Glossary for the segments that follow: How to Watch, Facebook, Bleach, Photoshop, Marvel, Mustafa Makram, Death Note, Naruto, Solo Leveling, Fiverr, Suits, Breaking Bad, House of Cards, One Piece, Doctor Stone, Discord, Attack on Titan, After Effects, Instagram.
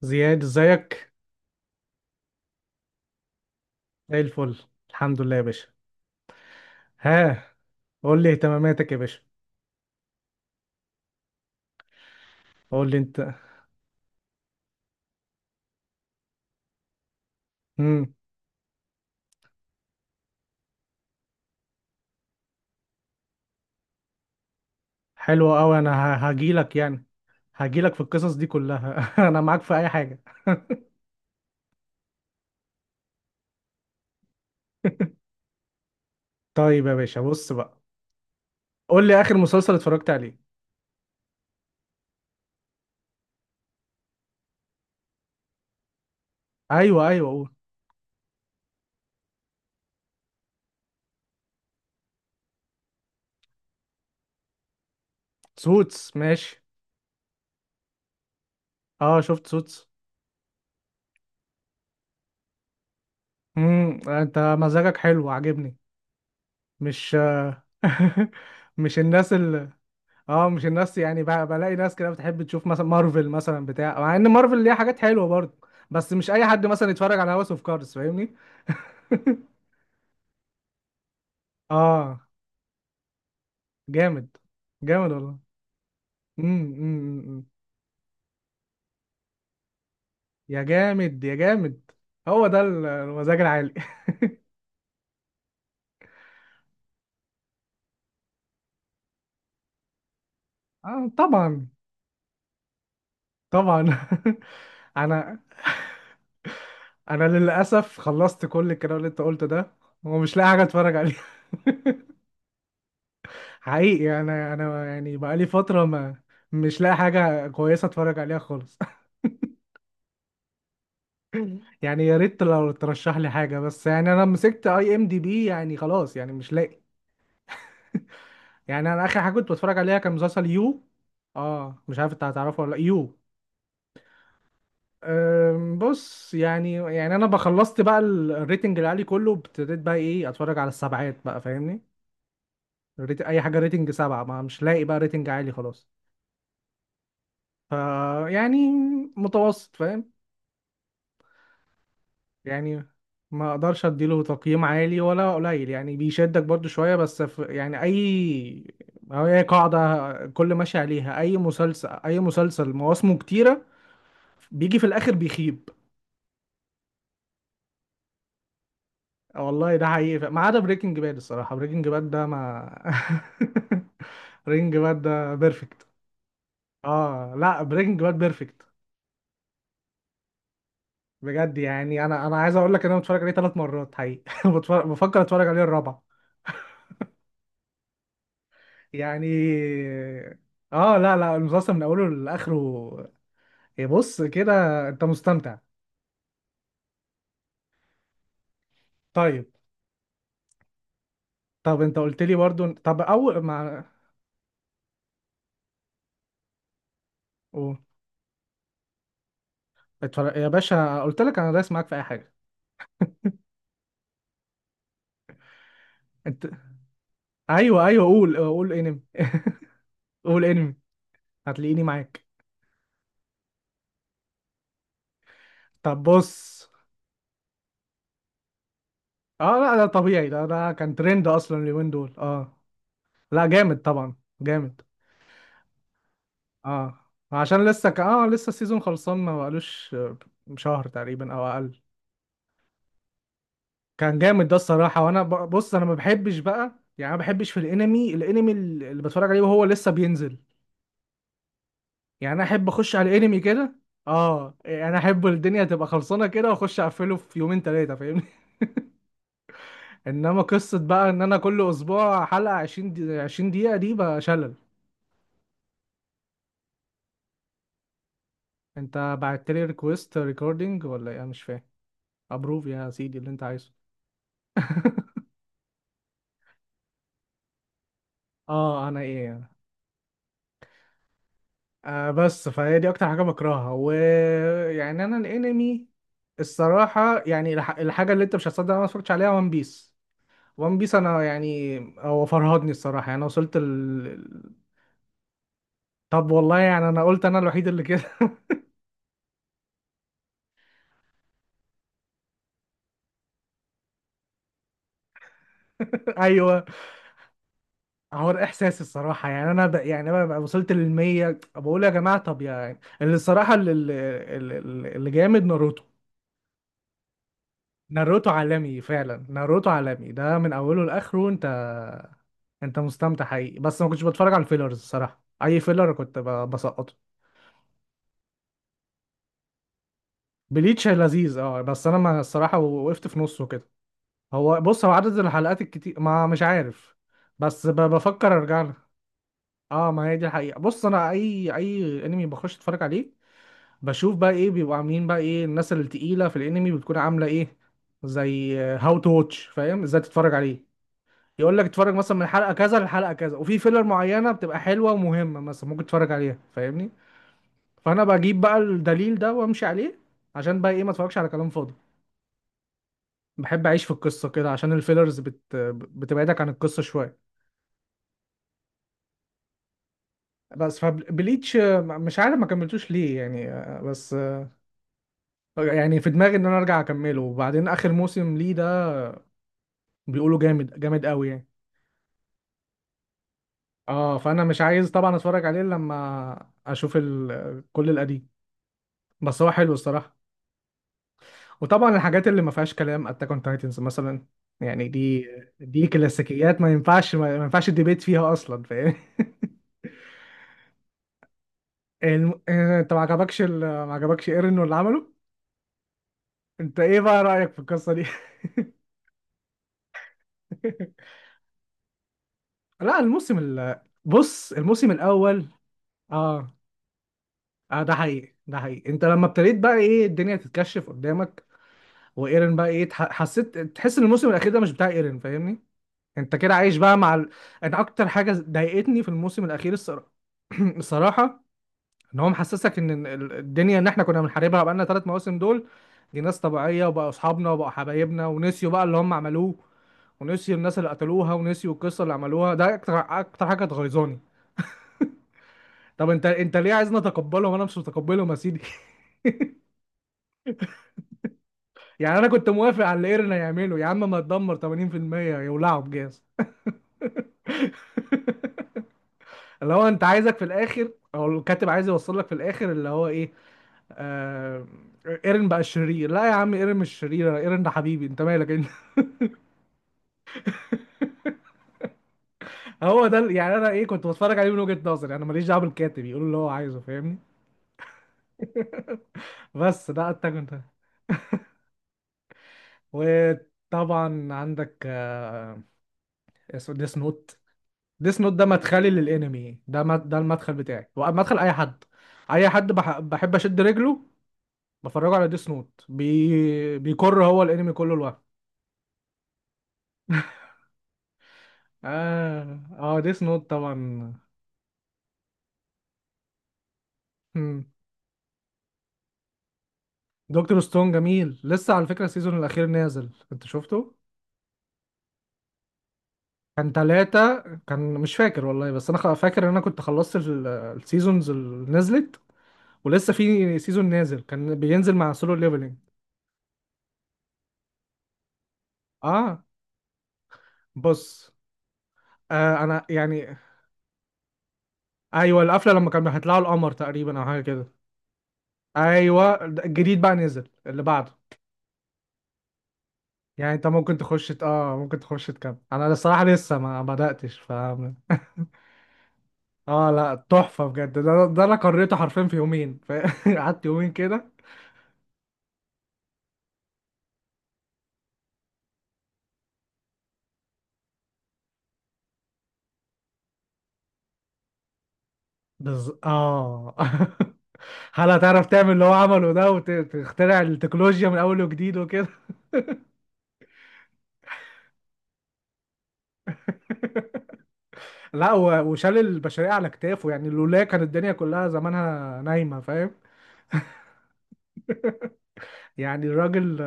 زياد ازيك. زي الفل، الحمد لله يا باشا. ها، قول لي اهتماماتك يا باشا. قول لي انت. امم حلو قوي. انا هاجي لك يعني، هاجي لك في القصص دي كلها. انا معاك في اي حاجه. طيب يا باشا، بص بقى، قول لي اخر مسلسل اتفرجت عليه. ايوه ايوه، قول. سوتس، ماشي. اه، شفت سوتس. انت مزاجك حلو، عاجبني. مش مش الناس. اه، مش الناس يعني. بلاقي ناس كده بتحب تشوف مثلا مارفل مثلا بتاع، مع ان مارفل ليها حاجات حلوه برضه، بس مش اي حد مثلا يتفرج على هاوس اوف كاردز، فاهمني؟ اه، جامد. جامد والله. أمم. يا جامد يا جامد. هو ده المزاج العالي. اه طبعا، طبعا. انا انا للاسف خلصت كل الكلام اللي انت قلته ده، ومش لاقي حاجه اتفرج عليها. حقيقي انا، يعني بقالي فتره ما مش لاقي حاجه كويسه اتفرج عليها خالص. يعني يا ريت لو ترشح لي حاجه، بس يعني انا مسكت اي ام دي بي يعني، خلاص يعني مش لاقي. يعني انا اخر حاجه كنت بتفرج عليها كان مسلسل يو. اه، مش عارف انت هتعرفه ولا لأ، يو. بص يعني، انا بخلصت بقى الريتنج العالي كله، ابتديت بقى ايه، اتفرج على السبعات بقى، فاهمني؟ اي حاجه ريتنج سبعة ما، مش لاقي بقى ريتنج عالي خلاص. ف، يعني متوسط، فاهم؟ يعني ما اقدرش اديله تقييم عالي ولا قليل، يعني بيشدك برضو شوية بس في يعني اي. أو هي قاعدة كل ماشي عليها، اي مسلسل اي مسلسل مواسمه كتيرة بيجي في الاخر بيخيب. والله ده حقيقي، ما عدا بريكنج باد. الصراحة بريكنج باد ده ما بريكنج باد ده بيرفكت. اه لا، بريكنج باد بيرفكت بجد. يعني انا عايز اقول لك ان انا بتفرج عليه ثلاث مرات حقيقي. بتفرج، بفكر اتفرج عليه الرابعة يعني. اه لا لا، المسلسل من اوله لاخره. إيه، بص كده. انت مستمتع؟ طيب. طب انت قلت لي برضو، طب اول ما. أوه. اتفرج يا باشا، قلت لك انا دايس معاك في اي حاجه. انت، ايوه ايوه قول، قول انمي. قول انمي، هتلاقيني معاك. طب بص. اه لا ده طبيعي، ده ده كان ترند اصلا اليومين دول، اه. لا جامد طبعا. جامد. اه، عشان لسه اه لسه السيزون خلصان، ما بقالوش شهر تقريبا او اقل. كان جامد ده الصراحه. وانا بص انا ما بحبش بقى يعني، أنا ما بحبش في الانمي، الانمي اللي بتفرج عليه وهو لسه بينزل. يعني انا احب اخش على الانمي كده، اه. يعني انا احب الدنيا تبقى خلصانه كده، واخش اقفله في يومين ثلاثه، فاهمني؟ انما قصه بقى ان انا كل اسبوع حلقه 20 دي، 20 دقيقه دي بقى شلل. انت بعت لي ريكويست ريكوردينج ولا ايه؟ أنا مش فاهم. ابروف يا سيدي اللي انت عايزه. اه انا ايه يعني؟ بس فهي دي اكتر حاجه بكرهها. ويعني انا الانمي الصراحه يعني، الحاجه اللي انت مش هتصدق انا ما اتفرجتش عليها، وان بيس. وان بيس انا، يعني هو فرهدني الصراحه يعني، أنا وصلت ال... طب والله يعني انا قلت انا الوحيد اللي كده. ايوه. هو الاحساس الصراحه يعني انا يعني انا ببقى وصلت للمية، بقول يا جماعه طب يعني، اللي الصراحه اللي, اللي, اللي جامد ناروتو. ناروتو عالمي فعلا، ناروتو عالمي ده من اوله لاخره. انت انت مستمتع حقيقي، بس ما كنتش بتفرج على الفيلرز الصراحه، اي فيلر كنت بسقطه. بليتش لذيذ اه، بس انا ما الصراحه وقفت في نصه كده. هو بص، هو عدد الحلقات الكتير، ما مش عارف، بس بفكر ارجع له. اه ما هي دي الحقيقه. بص انا اي انمي بخش اتفرج عليه، بشوف بقى ايه بيبقوا عاملين، بقى ايه الناس التقيله في الانمي بتكون عامله ايه، زي هاو تو واتش، فاهم ازاي تتفرج عليه؟ يقول لك اتفرج مثلا من حلقه كذا لحلقه كذا، وفي فيلر معينه بتبقى حلوه ومهمه مثلا ممكن تتفرج عليها، فاهمني؟ فانا بجيب بقى الدليل ده وامشي عليه، عشان بقى ايه، ما اتفرجش على كلام فاضي، بحب اعيش في القصه كده، عشان الفيلرز بتبعدك عن القصه شويه. بس فبليتش مش عارف ما كملتوش ليه يعني، آه، بس آه، يعني في دماغي ان انا ارجع اكمله، وبعدين اخر موسم ليه ده بيقولوا جامد جامد قوي يعني. اه فانا مش عايز طبعا اتفرج عليه إلا لما اشوف ال... كل القديم، بس هو حلو الصراحه. وطبعا الحاجات اللي ما فيهاش كلام، اتاك اون تايتنز مثلا، يعني دي، دي كلاسيكيات، ما ينفعش ما ينفعش الديبيت فيها اصلا، فاهم؟ انت ما عجبكش ما عجبكش ايرن واللي عمله؟ انت ايه بقى رايك في القصه دي؟ لا الموسم ال... بص، الموسم الاول، اه اه، ده حقيقي ده حقيقي. انت لما ابتديت بقى ايه الدنيا تتكشف قدامك، وايرن بقى ايه، حسيت تحس ان الموسم الاخير ده مش بتاع ايرن، فاهمني؟ انت كده عايش بقى مع ال... انا اكتر حاجه ضايقتني في الموسم الاخير الصراحه، الصراحه، ان هو محسسك ان الدنيا اللي احنا كنا بنحاربها بقالنا ثلاث مواسم دول، دي ناس طبيعيه وبقوا اصحابنا وبقوا حبايبنا، ونسيوا بقى اللي هم عملوه، ونسيوا الناس اللي قتلوها، ونسيوا القصه اللي عملوها. ده اكتر، اكتر حاجه غيظاني. طب انت ليه عايزني اتقبله وانا مش متقبله يا سيدي؟ يعني انا كنت موافق على اللي ايرن هيعمله، يا عم ما تدمر 80% يولعوا بجاز. اللي هو انت عايزك في الاخر، او الكاتب عايز يوصل لك في الاخر اللي هو ايه، آه... ايرن بقى الشرير؟ لا يا عم، ايرن مش شرير، انا ايرن ده حبيبي، انت مالك انت؟ هو ده يعني انا ايه، كنت بتفرج عليه من وجهة نظري، انا ماليش دعوه بالكاتب يقول اللي هو عايزه، فاهمني؟ بس ده اتاك، انت وطبعا عندك اسمه ديس نوت. ديس نوت ده مدخلي للانمي، ده ده المدخل بتاعي ومدخل اي حد. اي حد بحب اشد رجله، بفرجه على ديس نوت. بيكر هو الانمي كله لوحده. اه اه، ديس نوت طبعا. دكتور ستون جميل، لسه على فكرة السيزون الأخير نازل، أنت شفته؟ كان تلاتة. كان مش فاكر والله، بس أنا فاكر إن أنا كنت خلصت السيزونز اللي نزلت، ولسه في سيزون نازل كان بينزل مع سولو ليفلينج. آه بص، أنا يعني. أيوه القفلة لما كانوا هيطلعوا القمر تقريبا أو حاجة كده. أيوه ده الجديد بقى نزل اللي بعده. يعني أنت ممكن تخش ممكن تخش تكمل، أنا الصراحة لسه ما بدأتش ف. اه لا تحفة بجد، ده انا قريته حرفيا في يومين ف. قعدت يومين كده. بز... اه هل هتعرف تعمل اللي هو عمله ده، وتخترع التكنولوجيا من اول وجديد وكده؟ لا، وشال البشرية على كتافه، يعني لولا كانت الدنيا كلها زمانها نايمة، فاهم؟ يعني الراجل،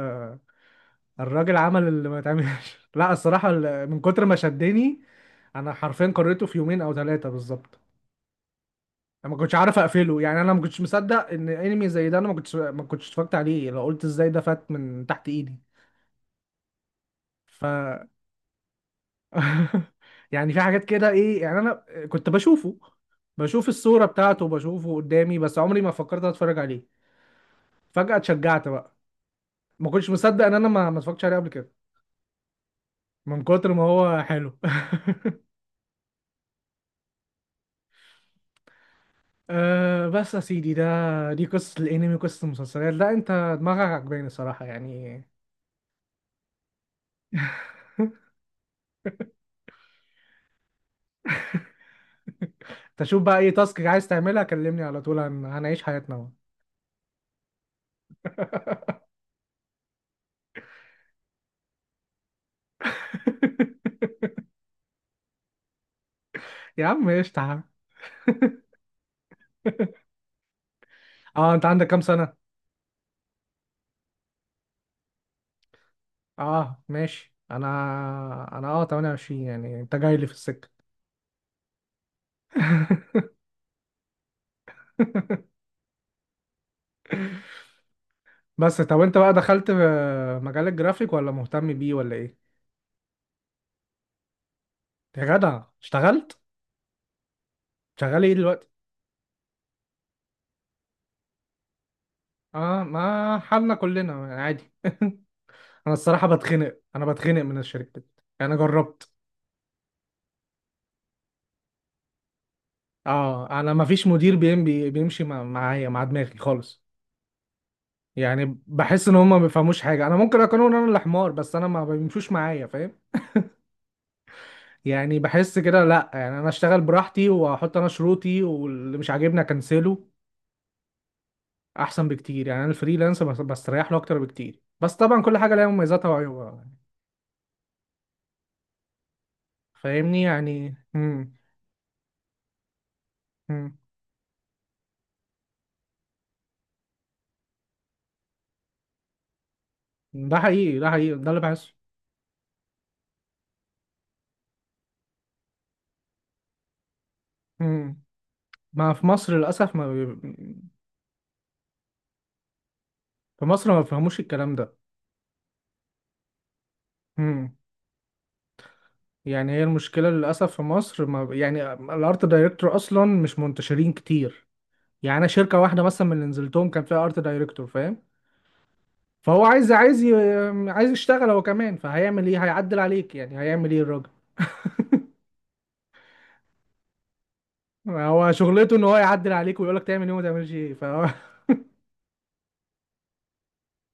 الراجل عمل اللي ما يتعملش. لا الصراحة من كتر ما شدني، انا حرفيا قريته في يومين او ثلاثة بالظبط. انا ما كنتش عارف اقفله، يعني انا ما كنتش مصدق ان انمي زي ده انا ما كنتش اتفرجت عليه، لو قلت ازاي ده فات من تحت ايدي؟ ف يعني في حاجات كده ايه، يعني انا كنت بشوفه، بشوف الصورة بتاعته، بشوفه قدامي بس عمري ما فكرت اتفرج عليه. فجأة اتشجعت بقى، ما كنتش مصدق ان انا ما اتفرجتش عليه قبل كده، من كتر ما هو حلو. أه بس يا سيدي، ده، دي قصة الانمي، قصة المسلسلات، لا انت دماغك عجباني الصراحة يعني. تشوف بقى ايه تاسك عايز تعملها، كلمني على طول، هنعيش حياتنا بقى. يا عم قشطة يا عم. اه انت عندك كام سنة؟ اه ماشي، انا انا اه 28، يعني انت جاي لي في السكة. بس طب انت بقى دخلت في مجال الجرافيك ولا مهتم بيه ولا ايه؟ يا جدع اشتغلت؟ شغال ايه دلوقتي؟ اه ما حالنا كلنا عادي. انا الصراحة بتخنق، انا بتخنق من الشركات، يعني انا جربت. اه انا ما فيش مدير بيمشي معايا مع دماغي خالص. يعني بحس ان هم ما بيفهموش حاجه، انا ممكن اكون انا اللي حمار بس انا ما بيمشوش معايا، فاهم؟ يعني بحس كده لا، يعني انا اشتغل براحتي، واحط انا شروطي، واللي مش عاجبني اكنسله، احسن بكتير. يعني انا الفريلانس بستريح له اكتر بكتير، بس طبعا كل حاجه ليها مميزاتها وعيوبها، فاهمني؟ يعني امم ده حقيقي ده حقيقي، ده اللي بحسه. امم ما في مصر للاسف ما في مصر ما بيفهموش الكلام ده. إمم. يعني هي المشكلة للأسف في مصر، ما يعني الارت دايركتور أصلا مش منتشرين كتير، يعني أنا شركة واحدة مثلا من اللي نزلتهم كان فيها ارت دايركتور، فاهم؟ فهو عايز، عايز يشتغل هو كمان. فهيعمل ايه؟ هيعدل عليك، يعني هيعمل ايه الراجل. هو شغلته ان هو يعدل عليك ويقول لك تعمل ايه وما تعملش ايه. فهو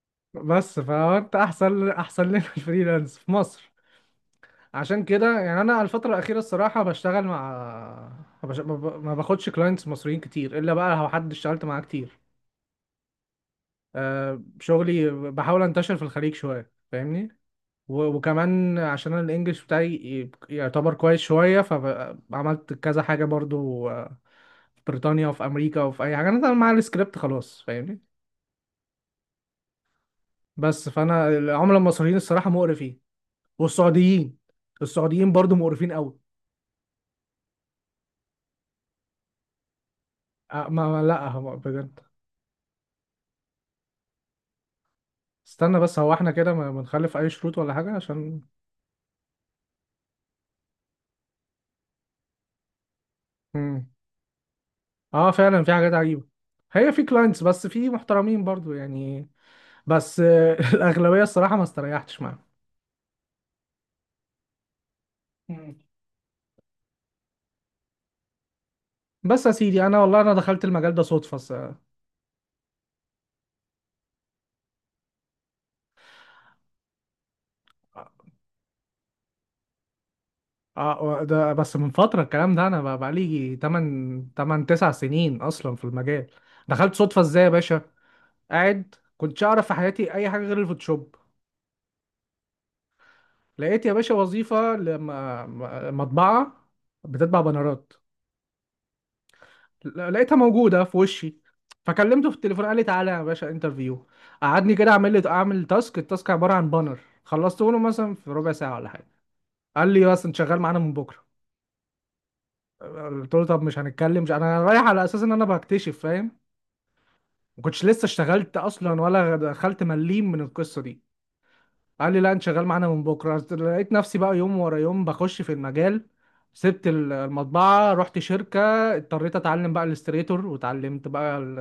بس فهو انت احسن، احسن لنا الفريلانس في مصر. عشان كده يعني انا الفتره الاخيره الصراحه بشتغل مع ما بش- ما ب- ما باخدش كلاينتس مصريين كتير الا بقى لو حد اشتغلت معاه كتير. آه، شغلي بحاول انتشر في الخليج شوية فاهمني. و- وكمان عشان انا الانجليش بتاعي يعتبر كويس شوية، فعملت كذا حاجة برضو. آه، في بريطانيا وفي امريكا وفي اي حاجة انا طبعاً معايا السكريبت خلاص فاهمني. بس فانا العملاء المصريين الصراحة مقرفين، والسعوديين. السعوديين برضو مقرفين قوي. آه، لا هو بجد. استنى بس، هو احنا كده ما نخلف اي شروط ولا حاجة عشان مم. اه فعلا في حاجات عجيبة. هي في كلاينتس بس في محترمين برضو يعني. بس آه، الاغلبيه الصراحه ما استريحتش معاهم. مم. بس يا سيدي انا والله انا دخلت المجال ده صدفه ده بس من فتره. الكلام ده انا بقى بقالي 8 8 9 سنين اصلا في المجال. دخلت صدفه ازاي يا باشا؟ قاعد كنتش اعرف في حياتي اي حاجه غير الفوتوشوب. لقيت يا باشا وظيفه لما مطبعه بتطبع بانرات. لقيتها موجوده في وشي. فكلمته في التليفون، قال لي: تعالى يا باشا انترفيو. قعدني كده اعمل لي، اعمل تاسك. التاسك عباره عن بانر. خلصته له مثلا في ربع ساعه ولا حاجه. قال لي: بس انت شغال معانا من بكره. قلت له: طب مش هنتكلم؟ مش انا رايح على اساس ان انا بكتشف فاهم. ما كنتش لسه اشتغلت اصلا ولا دخلت مليم من القصه دي. قال لي: لا انت شغال معانا من بكره. لقيت نفسي بقى يوم ورا يوم بخش في المجال. سبت المطبعه، رحت شركه. اضطريت اتعلم بقى الاستريتور، واتعلمت بقى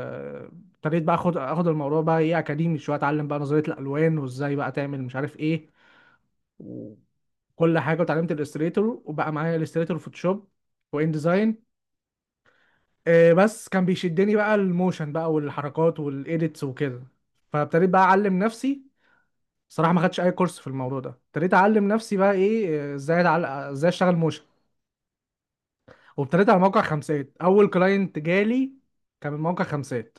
ابتديت بقى اخد الموضوع بقى ايه اكاديمي شويه. اتعلم بقى نظريه الالوان وازاي بقى تعمل مش عارف ايه وكل حاجه. واتعلمت الاستريتور، وبقى معايا الاستريتور، فوتوشوب، وان ديزاين. آه، بس كان بيشدني بقى الموشن بقى، والحركات والايديتس وكده. فابتديت بقى اعلم نفسي. صراحه ما خدتش اي كورس في الموضوع ده. ابتديت اعلم نفسي بقى ايه، ازاي اتعلق، ازاي اشتغل موشن. وابتديت على موقع خمسات. اول كلاينت جالي كان من موقع خمسات.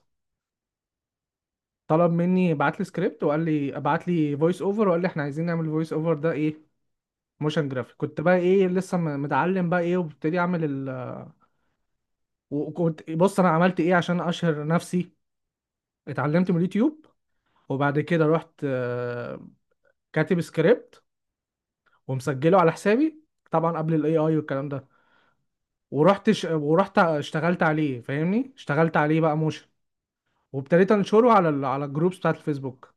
طلب مني، بعت لي سكريبت، وقال لي: ابعت لي فويس اوفر، وقال لي: احنا عايزين نعمل فويس اوفر ده ايه موشن جرافيك. كنت بقى ايه لسه متعلم بقى ايه، وابتدي اعمل وكنت بص انا عملت ايه عشان اشهر نفسي. اتعلمت من اليوتيوب، وبعد كده رحت. آه، كاتب سكريبت ومسجله على حسابي، طبعا قبل الاي اي والكلام ده. ورحت اشتغلت عليه فاهمني، اشتغلت عليه بقى موشن. وابتديت انشره على على الجروبس بتاعت الفيسبوك.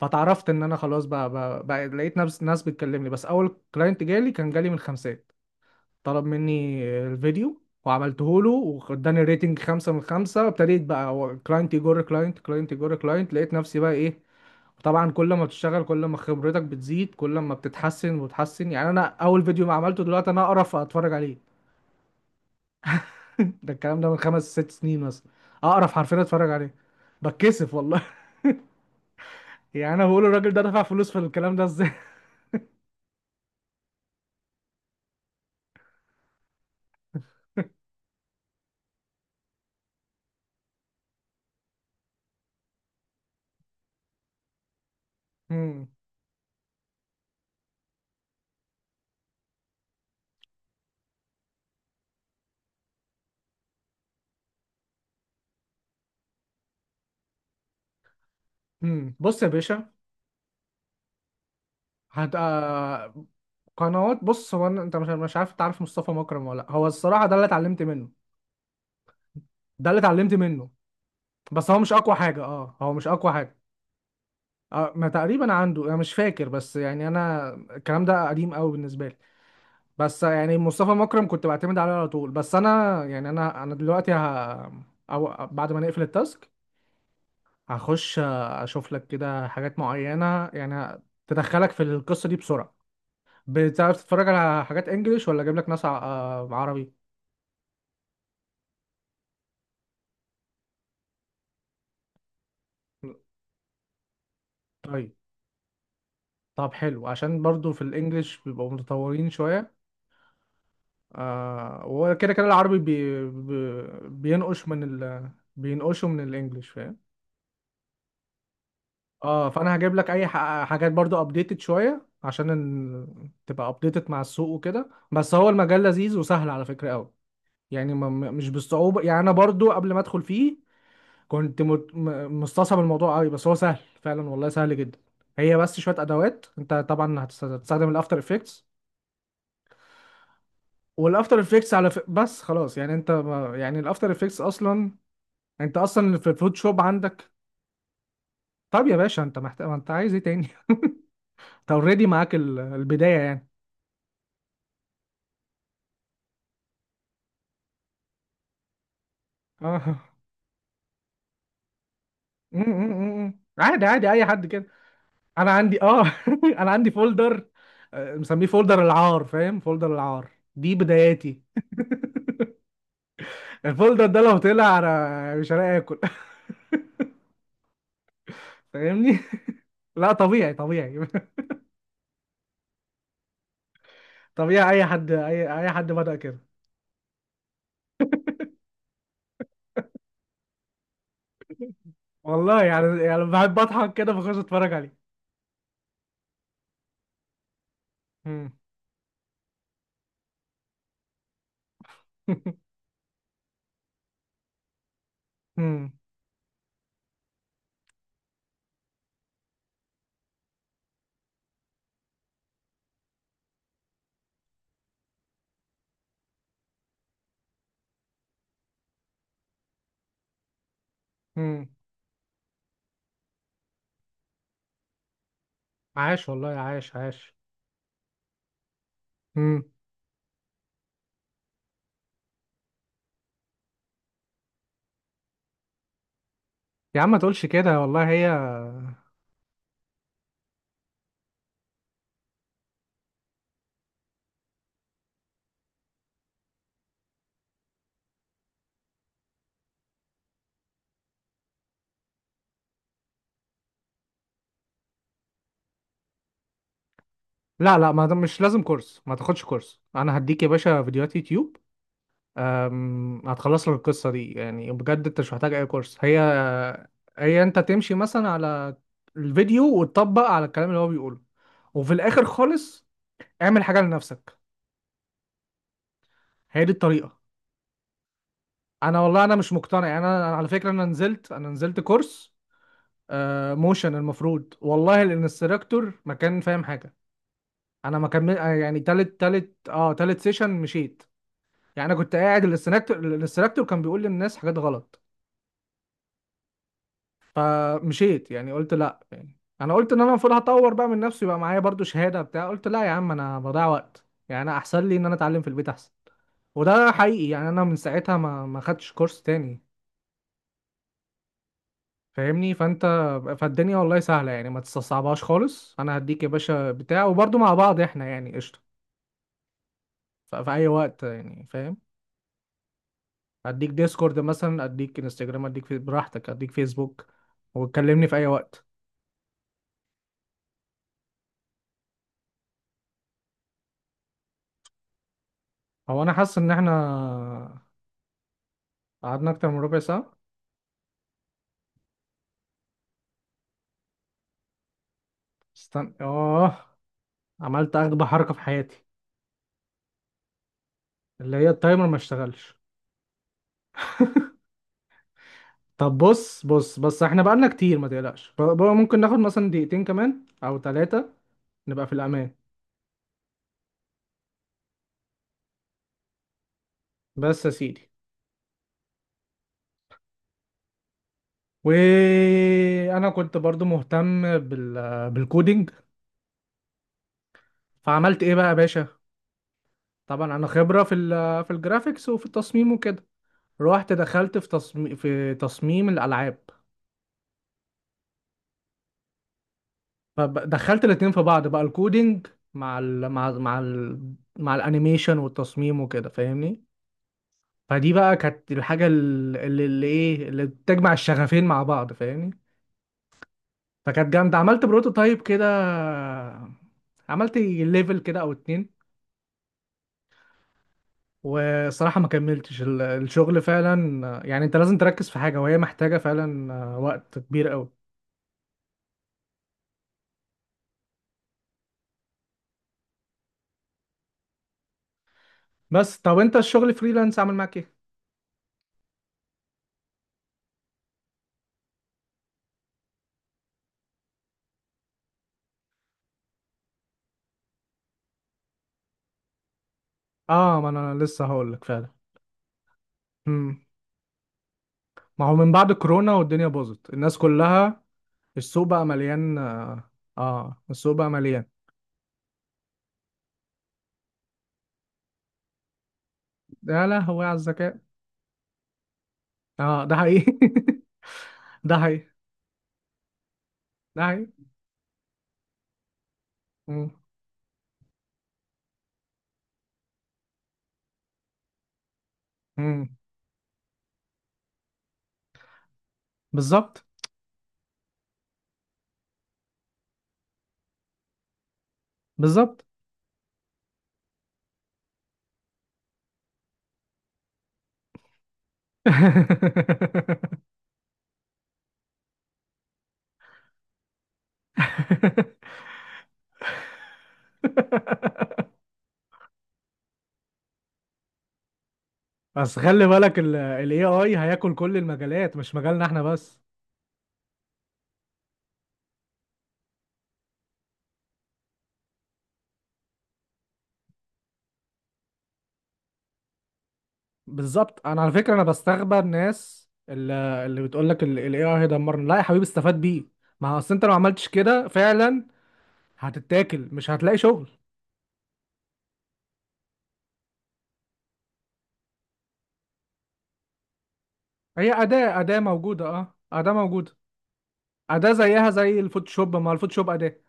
فتعرفت ان انا خلاص، بقى لقيت ناس بتكلمني. بس اول كلاينت جالي كان جالي من خمسات. طلب مني الفيديو، وعملته له، واداني ريتنج خمسة من خمسة. ابتديت بقى كلاينت يجر كلاينت، كلاينت يجر كلاينت، لقيت نفسي بقى ايه. طبعا كل ما بتشتغل كل ما خبرتك بتزيد، كل ما بتتحسن وتحسن. يعني انا اول فيديو ما عملته دلوقتي انا اقرف اتفرج عليه. ده الكلام ده من خمس ست سنين مثلا. اقرف حرفيا اتفرج عليه، بتكسف والله. يعني انا بقول الراجل ده دفع فلوس في الكلام ده ازاي. مم. مم. بص يا باشا. آه، قنوات. بص انت مش عارف تعرف مصطفى مكرم ولا لأ. هو الصراحه ده اللي اتعلمت منه. ده اللي اتعلمت منه. بس هو مش اقوى حاجه، اه هو مش اقوى حاجه. آه ما تقريبا عنده، انا مش فاكر، بس يعني انا الكلام ده قديم قوي بالنسبه لي. بس يعني مصطفى مكرم كنت بعتمد عليه على طول. بس انا يعني انا دلوقتي أو بعد ما نقفل التاسك هخش اشوف لك كده حاجات معينة، يعني تدخلك في القصة دي بسرعة. بتعرف تتفرج على حاجات انجليش ولا اجيب لك ناس آه، عربي؟ طيب. طب حلو، عشان برضو في الانجليش بيبقوا متطورين شوية. آه وكده كده العربي بينقش من بينقشوا من الانجليش فاهم. اه فانا هجيب لك اي حاجات برضو ابديتد شويه عشان تبقى ابديتد مع السوق وكده. بس هو المجال لذيذ وسهل على فكره قوي. يعني مش بالصعوبه. يعني انا برضو قبل ما ادخل فيه كنت مستصعب الموضوع قوي، بس هو سهل فعلا، والله سهل جدا. هي بس شويه ادوات. انت طبعا هتستخدم الافتر افكتس. والافتر افكتس على بس خلاص، يعني انت يعني الافتر افكتس اصلا، انت اصلا في الفوتوشوب عندك. طب يا باشا انت محتاج، انت عايز ايه تاني؟ انت اوريدي معاك البدايه يعني. اه عادي عادي اي حد كده. انا عندي اه انا عندي فولدر، آه، مسميه فولدر العار، فاهم، فولدر العار. دي بداياتي. الفولدر ده لو طلع انا مش هلاقي اكل. فاهمني. لا طبيعي طبيعي. طبيعي اي حد، اي حد بدأ كده. والله يعني يعني بحب اضحك كده بخش اتفرج عليه. مم. مم. مم. عاش والله، عاش عاش. مم. يا عم ما تقولش كده والله هي. لا لا ما مش لازم كورس، ما تاخدش كورس. انا هديك يا باشا فيديوهات يوتيوب. أم، هتخلص لك القصة دي. يعني بجد انت مش محتاج اي كورس. هي هي انت تمشي مثلا على الفيديو وتطبق على الكلام اللي هو بيقوله، وفي الاخر خالص اعمل حاجة لنفسك. هي دي الطريقة. انا والله انا مش مقتنع، يعني انا أنا على فكرة انا نزلت كورس. آه، موشن. المفروض والله الانستراكتور ما كان فاهم حاجة. انا ما كمل آه، يعني تالت سيشن مشيت. يعني انا كنت قاعد الانستراكتور كان بيقول للناس حاجات غلط، فمشيت. يعني قلت لا، يعني انا قلت ان انا المفروض هطور بقى من نفسي بقى، معايا برضو شهاده بتاع. قلت لا يا عم انا بضيع وقت، يعني انا احسن لي ان انا اتعلم في البيت احسن. وده حقيقي، يعني انا من ساعتها ما خدتش كورس تاني فاهمني. فانت، فالدنيا والله سهله، يعني ما تستصعبهاش خالص. انا هديك يا باشا بتاع، وبرضو مع بعض احنا يعني قشطه في اي وقت يعني فاهم. اديك ديسكورد مثلا، اديك انستجرام، اديك في براحتك، اديك فيسبوك، وتكلمني في اي وقت. هو انا حاسس ان احنا قعدنا اكتر من ربع ساعه. استنى اه، عملت اغبى حركه في حياتي. اللي هي التايمر ما اشتغلش. طب بص احنا بقالنا كتير، ما تقلقش، بقى ممكن ناخد مثلا دقيقتين كمان او ثلاثه، نبقى في الامان. بس يا سيدي، وانا كنت برضو مهتم بالكودينج. فعملت ايه بقى يا باشا؟ طبعا انا خبره في في الجرافيكس وفي التصميم وكده. رحت دخلت في تصميم الالعاب. فدخلت الاتنين في بعض بقى الكودينج مع ال مع ال مع ال مع الانيميشن والتصميم وكده فاهمني. فدي بقى كانت الحاجة اللي ايه اللي بتجمع الشغفين مع بعض فاهمني. فكانت جامدة، عملت بروتوتايب كده، عملت ليفل كده او اتنين. وصراحة ما كملتش الشغل. فعلا يعني انت لازم تركز في حاجة، وهي محتاجة فعلا آه، وقت كبير قوي. بس طب انت الشغل فريلانس عامل معاك ايه؟ اه ما انا لسه هقول لك. فعلا، ما هو من بعد كورونا والدنيا باظت الناس كلها. السوق بقى مليان اه. آه، السوق بقى مليان. يا لهوي على الذكاء. اه ده حقيقي. ده حقيقي، ده حقيقي. مم. مم. بالظبط. بالظبط. بس خلي بالك ال AI هياكل كل المجالات، مش مجالنا احنا بس. بالظبط. انا على فكرة انا بستغرب الناس اللي بتقول لك ال AI هيدمرنا. لا يا حبيبي استفاد بيه. ما هو اصل انت لو عملتش كده فعلا هتتاكل، مش هتلاقي شغل. هي أداة، أداة موجودة، اه أداة موجودة. أداة زيها زي الفوتوشوب، ما الفوتوشوب أداة.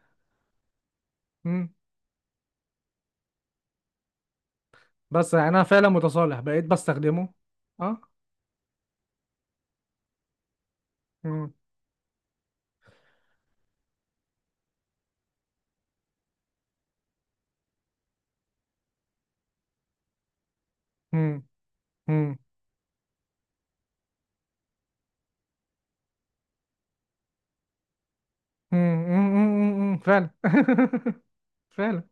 مم. بس يعني أنا فعلا متصالح، بقيت بستخدمه. اه مم. مم. مم. مم. مم. مم. مم. فعلا. فعلا.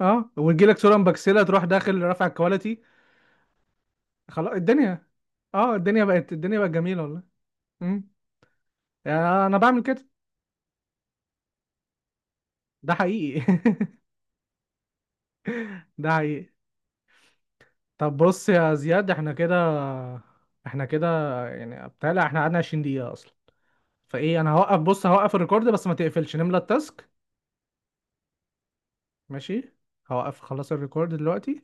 اه ويجيلك صورة مبكسلة تروح داخل رافع الكواليتي. خلاص الدنيا. اه الدنيا بقت، الدنيا بقت جميلة والله. مم. يعني أنا بعمل كده. ده حقيقي. ده حقيقي. طب بص يا زياد، احنا كده، احنا كده، يعني بتهيألي احنا قعدنا 20 دقيقة اصلا. فايه انا هوقف، بص هوقف الريكورد بس ما تقفلش، نملى التاسك. ماشي، هوقف خلاص الريكورد دلوقتي.